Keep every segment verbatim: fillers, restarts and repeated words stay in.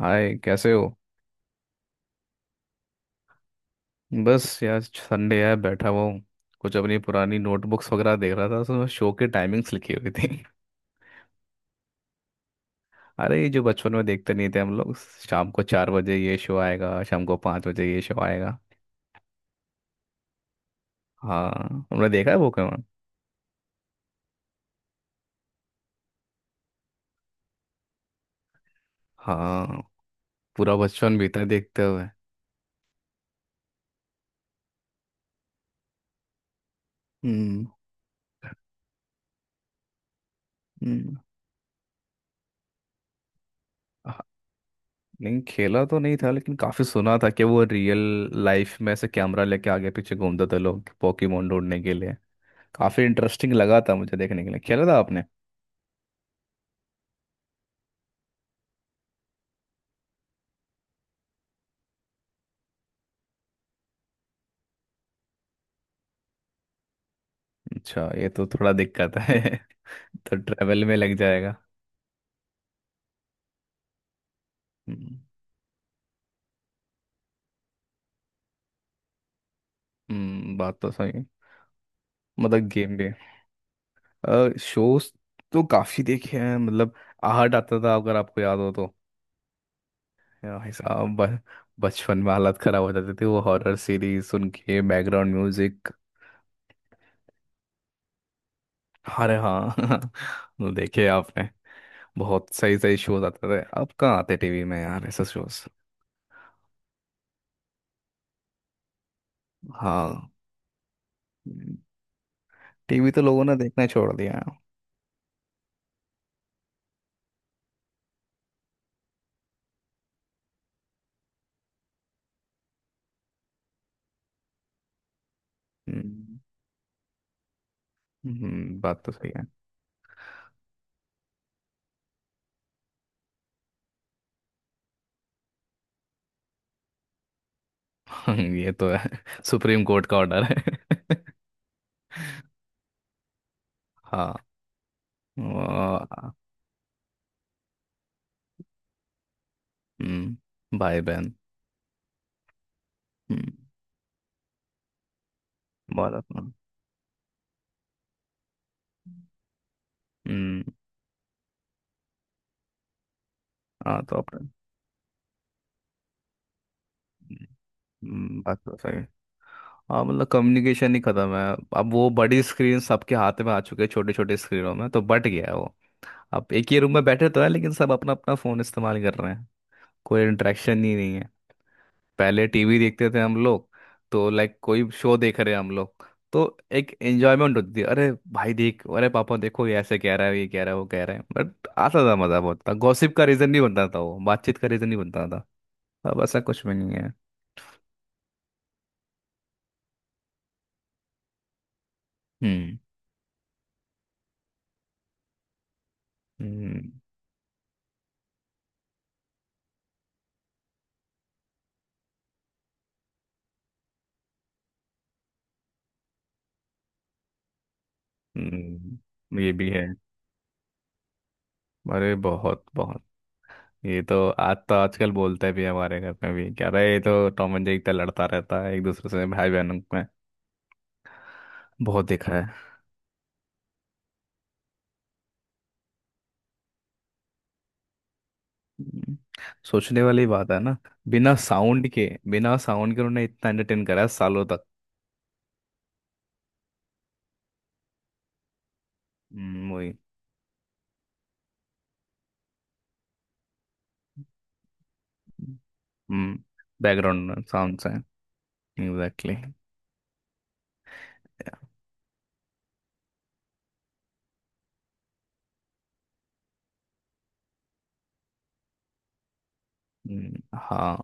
हाय, कैसे हो। बस यार, संडे है, बैठा हुआ हूँ। कुछ अपनी पुरानी नोटबुक्स वगैरह देख रहा था, उसमें शो के टाइमिंग्स लिखी हुई थी। अरे ये जो बचपन में देखते नहीं थे हम लोग, शाम को चार बजे ये शो आएगा, शाम को पाँच बजे ये शो आएगा। हाँ, हमने देखा है पोकेमॉन। हाँ, पूरा बचपन बीता है देखते हुए। हम्म। हम्म। हाँ, नहीं खेला तो नहीं था, लेकिन काफी सुना था कि वो रियल लाइफ में ऐसे कैमरा लेके आगे पीछे घूमते थे लोग पोकेमॉन ढूंढने के लिए। काफी इंटरेस्टिंग लगा था मुझे, देखने के लिए। खेला था आपने। अच्छा, ये तो थोड़ा दिक्कत है तो ट्रैवल में लग जाएगा। हम्म। हम्म, बात तो सही है। मतलब गेम भी। शोज तो काफी देखे हैं, मतलब आहट आता था, अगर आपको याद हो तो। भाई साहब ब- बचपन में हालत खराब हो जाती थी वो हॉरर सीरीज सुन के, बैकग्राउंड म्यूजिक। अरे हाँ। वो देखे आपने। बहुत सही सही शोज आते थे, अब कहाँ आते टीवी में यार ऐसे शोज। हाँ। टीवी तो लोगों ने देखना छोड़ दिया है। हम्म। हम्म, बात तो सही है। ये तो है, सुप्रीम कोर्ट का ऑर्डर है हाँ। वो-। हम्म, भाई बहन। हम्म। बहुत अपना। हम्म। हाँ तो अपना। हम्म, बात तो सही है। हाँ मतलब कम्युनिकेशन ही खत्म है। अब वो बड़ी स्क्रीन सबके हाथ में आ चुके हैं, छोटे छोटे स्क्रीनों में तो बट गया है वो। अब एक ही रूम में बैठे तो है, लेकिन सब अपना अपना फोन इस्तेमाल कर रहे हैं। कोई इंटरेक्शन ही नहीं। पहले टीवी देखते थे हम लोग, तो लाइक कोई शो देख रहे हैं हम लोग, तो एक एंजॉयमेंट होती थी। अरे भाई देख, अरे पापा देखो, ये ऐसे कह रहा है, ये कह रहा है, वो कह रहा है। बट आता था मज़ा बहुत, था गॉसिप का रीज़न, नहीं बनता था वो बातचीत का रीज़न, नहीं बनता था। अब ऐसा कुछ भी नहीं है। हम्म। हम्म। हम्म, ये भी है। अरे बहुत बहुत। ये तो आज, तो आजकल बोलते भी हैं हमारे घर में भी क्या रहा है ये, तो टॉम एंड जेरी इतना लड़ता रहता है एक दूसरे से, भाई बहनों में। बहुत देखा है। हम्म, सोचने वाली बात है ना। बिना साउंड के, बिना साउंड के उन्होंने इतना एंटरटेन करा है सालों तक। हम्म, वही। हम्म, बैकग्राउंड साउंड से। एग्जैक्टली। हाँ।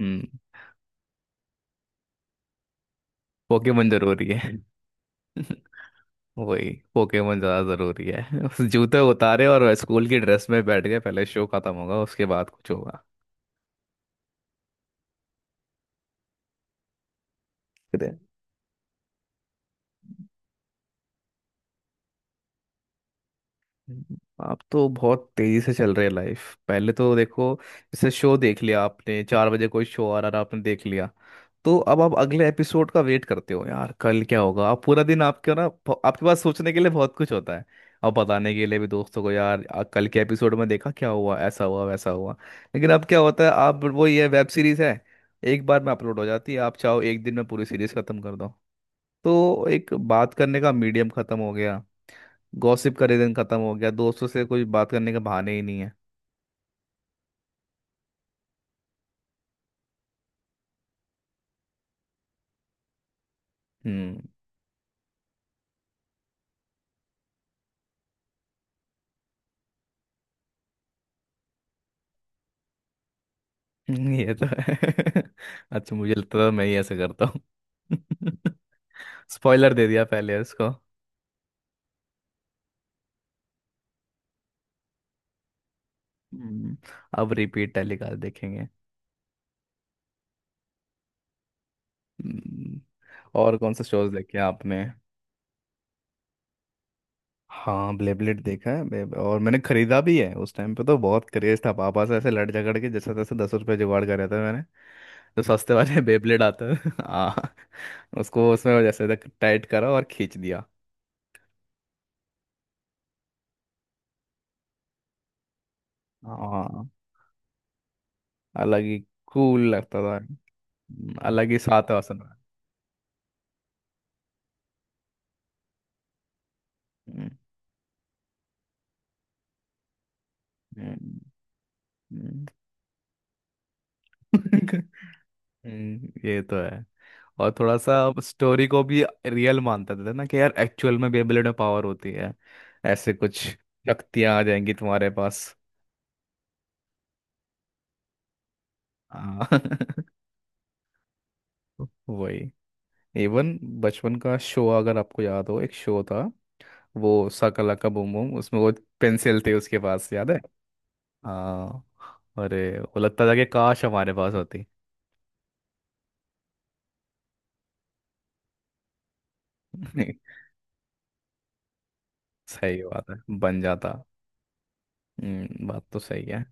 हम्म, पोकेमोन जरूरी है। वही, पोकेमोन ज्यादा जरूरी है। उस, जूते उतारे और स्कूल की ड्रेस में बैठ गए, पहले शो खत्म होगा उसके बाद कुछ होगा। आप तो बहुत तेजी से चल रहे हैं लाइफ, पहले तो देखो, जैसे शो देख लिया आपने, चार बजे कोई शो आ रहा था आपने देख लिया, तो अब आप अगले एपिसोड का वेट करते हो यार कल क्या होगा। आप पूरा दिन, आपके ना, आपके पास सोचने के लिए बहुत कुछ होता है। और बताने के लिए भी दोस्तों को यार, आ, कल के एपिसोड में देखा क्या हुआ, ऐसा हुआ वैसा हुआ। लेकिन अब क्या होता है, आप वो, ये वेब सीरीज है, एक बार में अपलोड हो जाती है, आप चाहो एक दिन में पूरी सीरीज खत्म कर दो। तो एक बात करने का मीडियम खत्म हो गया, गॉसिप का रीजन खत्म हो गया, दोस्तों से कोई बात करने का बहाने ही नहीं है। हम्म। ये तो है अच्छा, मुझे लगता था मैं ही ऐसे करता हूँ। स्पॉइलर दे दिया पहले उसको। हम्म, अब रिपीट टेलीकास्ट देखेंगे। हम्म, और कौन से शोज देखे आपने। हाँ ब्लेबलेट देखा है। बे- और मैंने खरीदा भी है, उस टाइम पे तो बहुत क्रेज था, पापा से ऐसे लड़ झगड़ के जैसे तैसे दस रुपये जुगाड़ कर रहा था मैंने, तो सस्ते वाले बेबलेट आता है हाँ। उसको उसमें जैसे तक टाइट करा और खींच दिया। हाँ। अलग ही, कूल लगता था। हम्म, अलग ही साथ है असल में। हम्म। हम्म। हम्म। हम्म, ये तो है। और थोड़ा सा स्टोरी को भी रियल मानता था ना, कि यार एक्चुअल में बेबलेट में पावर होती है, ऐसे कुछ शक्तियां आ जाएंगी तुम्हारे पास। हाँ वही। इवन बचपन का शो, अगर आपको याद हो, एक शो था वो, साका लाका बूम बूम, उसमें वो पेंसिल थे उसके पास, याद है। हाँ। अरे, वो लगता था कि काश हमारे पास होती। सही बात है, बन जाता। हम्म, बात तो सही है।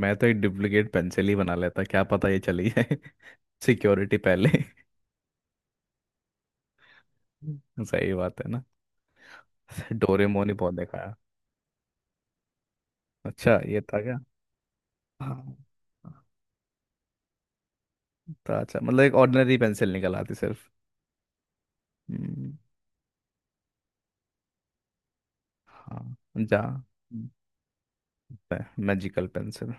मैं तो एक डुप्लीकेट पेंसिल ही बना लेता, क्या पता ये चली जाए। सिक्योरिटी पहले। सही बात है ना। डोरेमोन ही बहुत देखा है। अच्छा, ये था क्या। हाँ। तो अच्छा, मतलब एक ऑर्डिनरी पेंसिल निकल आती सिर्फ। हम्म, हाँ। जा, मैजिकल पेंसिल।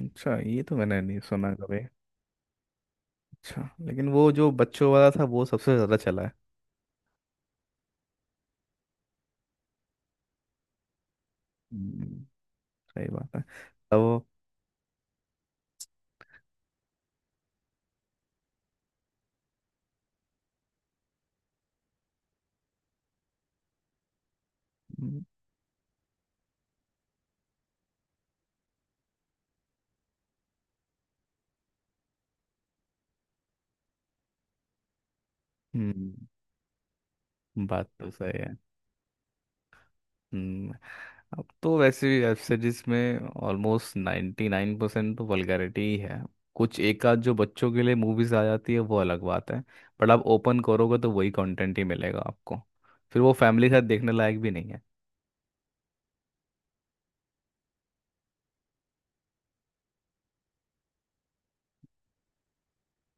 अच्छा, ये तो मैंने नहीं सुना कभी। अच्छा, लेकिन वो जो बच्चों वाला था वो सबसे ज़्यादा चला। हम्म, सही बात है। तो, हम्म, बात तो सही है। हम्म, अब तो वैसे भी वेब सीरीज में ऑलमोस्ट नाइन्टी नाइन परसेंट तो वल्गैरिटी ही है। कुछ एक आध जो बच्चों के लिए मूवीज आ जाती है वो अलग बात है, बट आप ओपन करोगे तो वही कंटेंट ही मिलेगा आपको, फिर वो फैमिली के साथ देखने लायक भी नहीं है।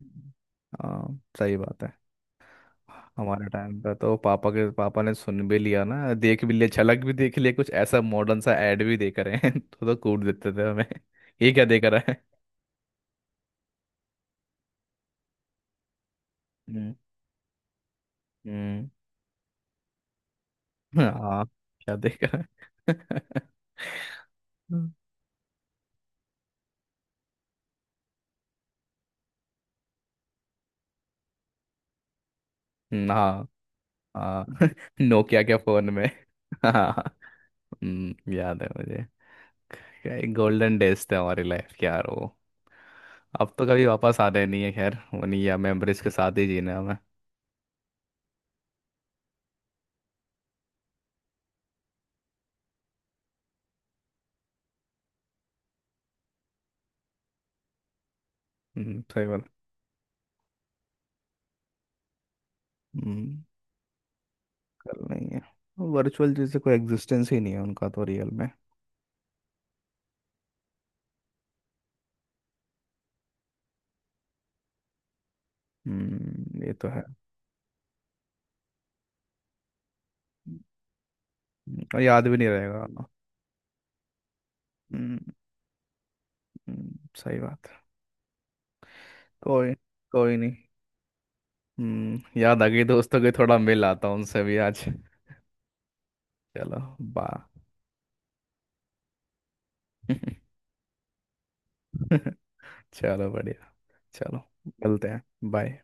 हम्म, हाँ सही बात है। हमारे टाइम पे तो पापा के, पापा ने सुन भी लिया ना, देख भी लिया, झलक भी देख लिया, कुछ ऐसा मॉडर्न सा ऐड भी देख रहे हैं तो तो कूट देते थे हमें। ये क्या देख रहा है। हम्म। हम्म। हाँ, क्या देख रहा है हम्म, हाँ। हाँ नोकिया के फोन में हाँ। हम्म, याद है मुझे। क्या गोल्डन डेज थे हमारी लाइफ के यार वो। अब तो कभी वापस आने नहीं है, खैर वो नहीं है, मेमोरीज के साथ ही जीना है हमें। हम्म, सही बात। हम्म। चल नहीं है, वर्चुअल जैसे, कोई एग्जिस्टेंस ही नहीं है उनका तो रियल में। हम्म। ये तो है। हम्म, और याद भी नहीं रहेगा। हम्म। हम्म, सही बात है। कोई, कोई नहीं। हम्म, याद आ गई, दोस्तों के थोड़ा मिल आता हूँ उनसे भी आज। चलो। बा चलो बढ़िया, चलो, मिलते हैं। बाय।